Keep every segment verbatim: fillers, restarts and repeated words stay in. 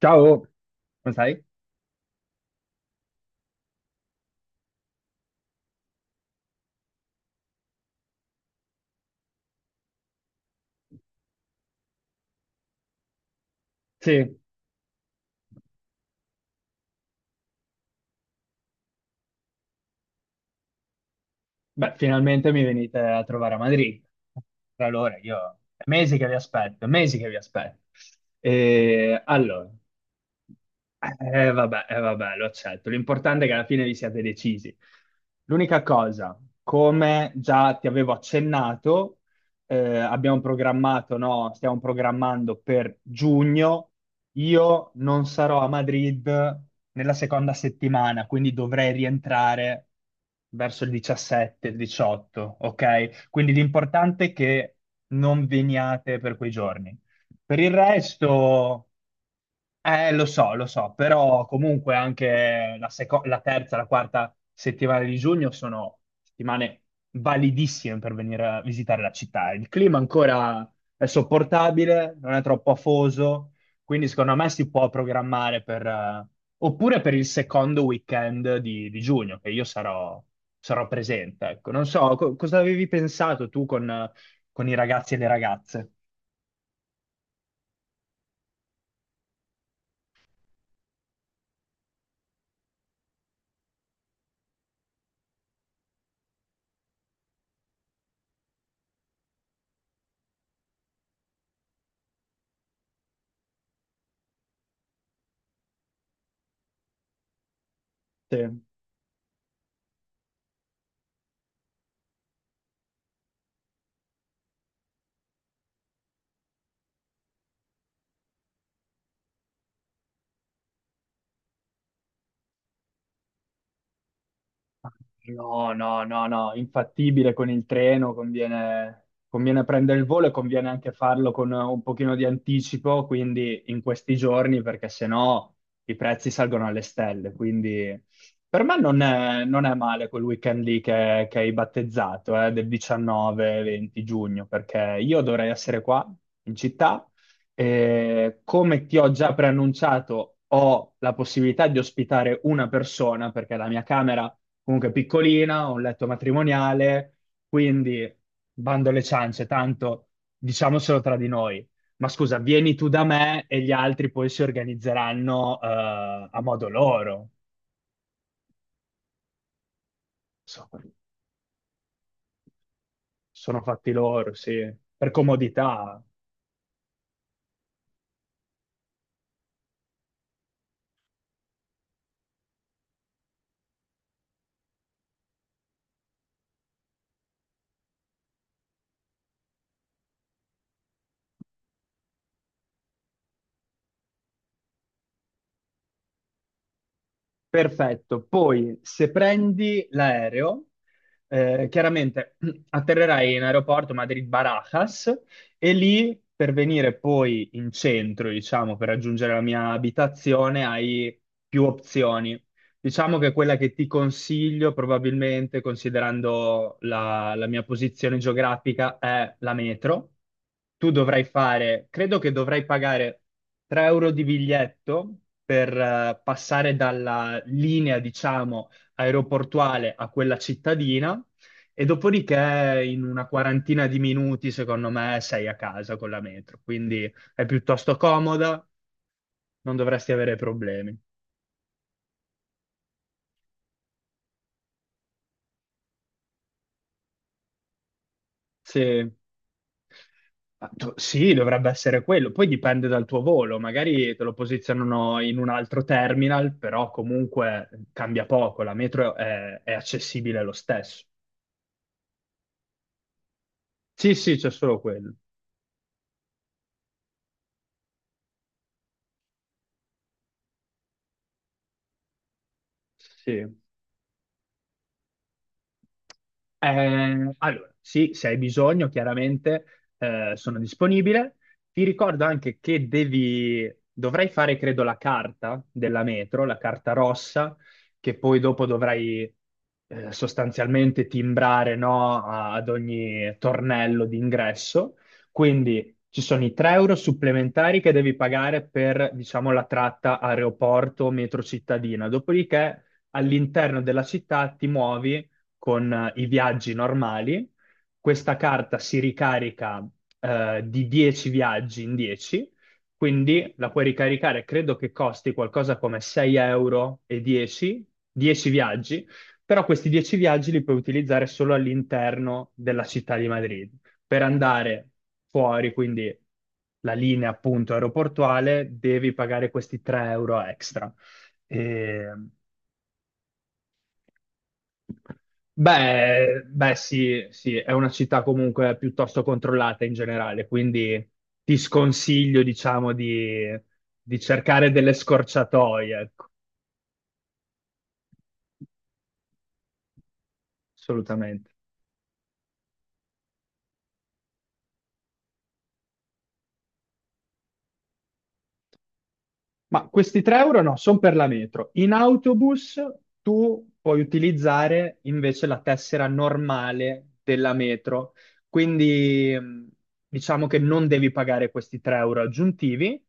Ciao, come stai? Sì, beh, finalmente mi venite a trovare a Madrid. Tra l'ora, io è mesi che vi aspetto, è mesi che vi aspetto. E allora, eh, vabbè, eh, vabbè, lo accetto. L'importante è che alla fine vi siate decisi. L'unica cosa, come già ti avevo accennato, eh, abbiamo programmato, no, stiamo programmando per giugno. Io non sarò a Madrid nella seconda settimana, quindi dovrei rientrare verso il diciassette, il diciotto, ok? Quindi l'importante è che non veniate per quei giorni. Per il resto. Eh, lo so, lo so, però comunque anche la, seco- la terza, la quarta settimana di giugno sono settimane validissime per venire a visitare la città. Il clima ancora è sopportabile, non è troppo afoso, quindi secondo me si può programmare per, eh, oppure per il secondo weekend di, di giugno, che io sarò, sarò presente. Ecco. Non so, co- cosa avevi pensato tu con, con i ragazzi e le ragazze? Sì. No, no, no, no, infattibile con il treno, conviene, conviene prendere il volo e conviene anche farlo con un pochino di anticipo, quindi in questi giorni, perché sennò i prezzi salgono alle stelle. Quindi per me non è, non è male quel weekend lì che, che hai battezzato, eh, del diciannove venti giugno, perché io dovrei essere qua in città e come ti ho già preannunciato, ho la possibilità di ospitare una persona, perché la mia camera comunque piccolina, ho un letto matrimoniale, quindi bando alle ciance, tanto diciamocelo tra di noi. Ma scusa, vieni tu da me e gli altri poi si organizzeranno eh, a modo loro. So- Sono fatti loro, sì, per comodità. Perfetto. Poi, se prendi l'aereo, eh, chiaramente atterrerai in aeroporto Madrid-Barajas e lì per venire poi in centro, diciamo, per raggiungere la mia abitazione, hai più opzioni. Diciamo che quella che ti consiglio, probabilmente, considerando la, la mia posizione geografica, è la metro. Tu dovrai fare, credo che dovrai pagare tre euro di biglietto per eh, passare dalla linea, diciamo, aeroportuale a quella cittadina e dopodiché in una quarantina di minuti, secondo me, sei a casa con la metro. Quindi è piuttosto comoda, non dovresti avere problemi. Sì. Ah, do- sì, dovrebbe essere quello, poi dipende dal tuo volo, magari te lo posizionano in un altro terminal, però comunque cambia poco, la metro è, è accessibile lo stesso. Sì, sì, c'è solo quello. Sì. Eh, allora, sì, se hai bisogno, chiaramente eh, sono disponibile. Ti ricordo anche che devi, dovrai fare, credo, la carta della metro, la carta rossa, che poi dopo dovrai eh, sostanzialmente timbrare, no, a- ad ogni tornello d'ingresso. Quindi ci sono i tre euro supplementari che devi pagare per, diciamo, la tratta aeroporto-metro cittadina. Dopodiché all'interno della città ti muovi con eh, i viaggi normali. Questa carta si ricarica eh, di dieci viaggi in dieci, quindi la puoi ricaricare, credo che costi qualcosa come sei euro e dieci, dieci viaggi, però questi dieci viaggi li puoi utilizzare solo all'interno della città di Madrid. Per andare fuori, quindi la linea appunto aeroportuale, devi pagare questi tre euro extra. E Beh, beh, sì, sì, è una città comunque piuttosto controllata in generale, quindi ti sconsiglio, diciamo, di, di cercare delle scorciatoie, ecco, assolutamente. Ma questi tre euro no, sono per la metro. In autobus tu puoi utilizzare invece la tessera normale della metro, quindi mh, diciamo che non devi pagare questi tre euro aggiuntivi.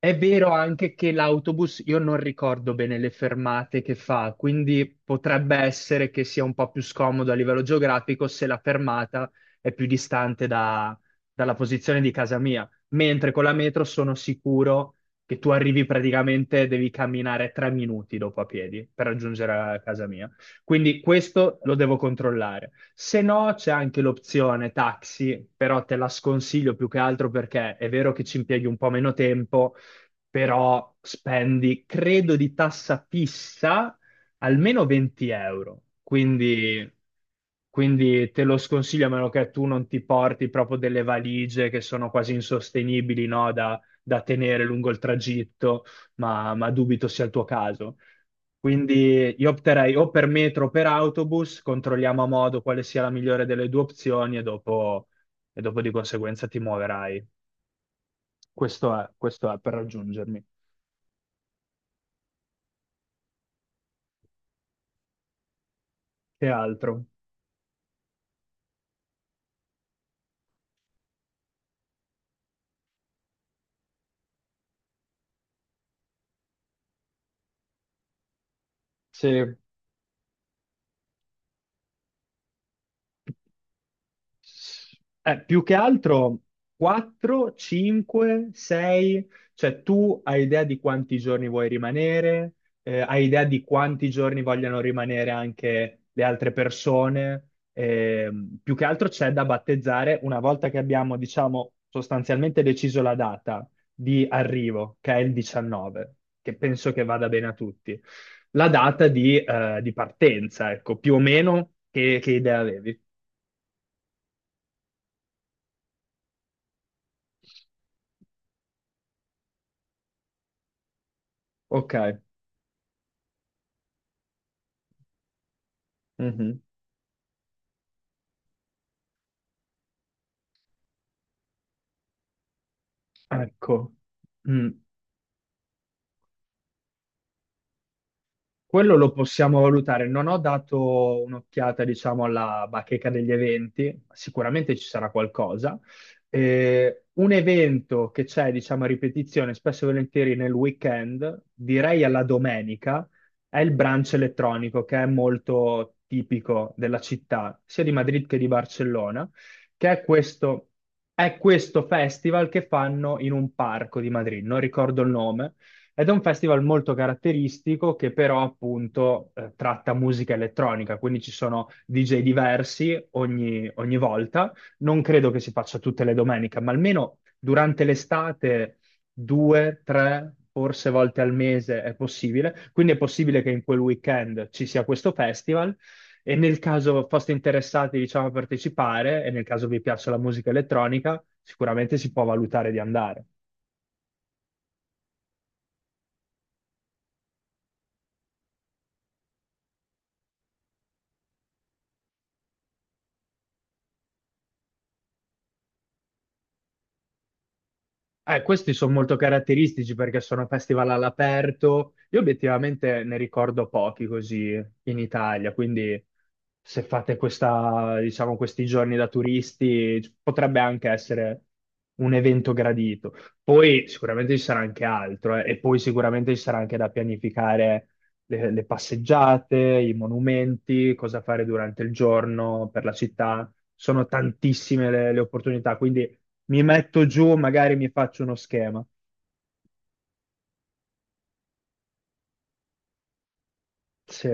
È vero anche che l'autobus, io non ricordo bene le fermate che fa, quindi potrebbe essere che sia un po' più scomodo a livello geografico se la fermata è più distante da- dalla posizione di casa mia, mentre con la metro sono sicuro che tu arrivi praticamente, devi camminare tre minuti dopo a piedi per raggiungere la casa mia. Quindi questo lo devo controllare. Se no, c'è anche l'opzione taxi, però te la sconsiglio più che altro perché è vero che ci impieghi un po' meno tempo, però spendi, credo, di tassa fissa almeno venti euro. Quindi, quindi te lo sconsiglio a meno che tu non ti porti proprio delle valigie che sono quasi insostenibili, no? Da tenere lungo il tragitto, ma, ma dubito sia il tuo caso. Quindi io opterei o per metro o per autobus, controlliamo a modo quale sia la migliore delle due opzioni e dopo, e dopo di conseguenza ti muoverai. Questo è, questo è per raggiungermi. Che altro? Sì. Eh, più che altro quattro, cinque, sei, cioè tu hai idea di quanti giorni vuoi rimanere, eh, hai idea di quanti giorni vogliono rimanere anche le altre persone. Ehm, più che altro c'è da battezzare una volta che abbiamo, diciamo, sostanzialmente deciso la data di arrivo, che è il diciannove, che penso che vada bene a tutti, la data di, eh, di partenza, ecco, più o meno che, che idea avevi. Ok. Mhm. Ecco, Mm. quello lo possiamo valutare. Non ho dato un'occhiata, diciamo, alla bacheca degli eventi, sicuramente ci sarà qualcosa. Eh, un evento che c'è, diciamo, a ripetizione, spesso e volentieri nel weekend, direi alla domenica, è il brunch elettronico, che è molto tipico della città, sia di Madrid che di Barcellona, che è questo, è questo festival che fanno in un parco di Madrid, non ricordo il nome. Ed è un festival molto caratteristico che però appunto eh, tratta musica elettronica, quindi ci sono D J diversi ogni, ogni volta. Non credo che si faccia tutte le domeniche, ma almeno durante l'estate due, tre, forse volte al mese è possibile. Quindi è possibile che in quel weekend ci sia questo festival e nel caso foste interessati, diciamo, a partecipare e nel caso vi piaccia la musica elettronica, sicuramente si può valutare di andare. Eh, questi sono molto caratteristici perché sono festival all'aperto. Io obiettivamente ne ricordo pochi così in Italia, quindi se fate questa, diciamo, questi giorni da turisti potrebbe anche essere un evento gradito. Poi sicuramente ci sarà anche altro, eh, e poi sicuramente ci sarà anche da pianificare le, le passeggiate, i monumenti, cosa fare durante il giorno per la città. Sono tantissime le le opportunità, quindi mi metto giù, magari mi faccio uno schema. Sì,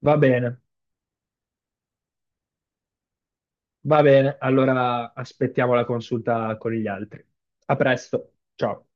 va bene, va bene. Allora aspettiamo la consulta con gli altri. A presto, ciao.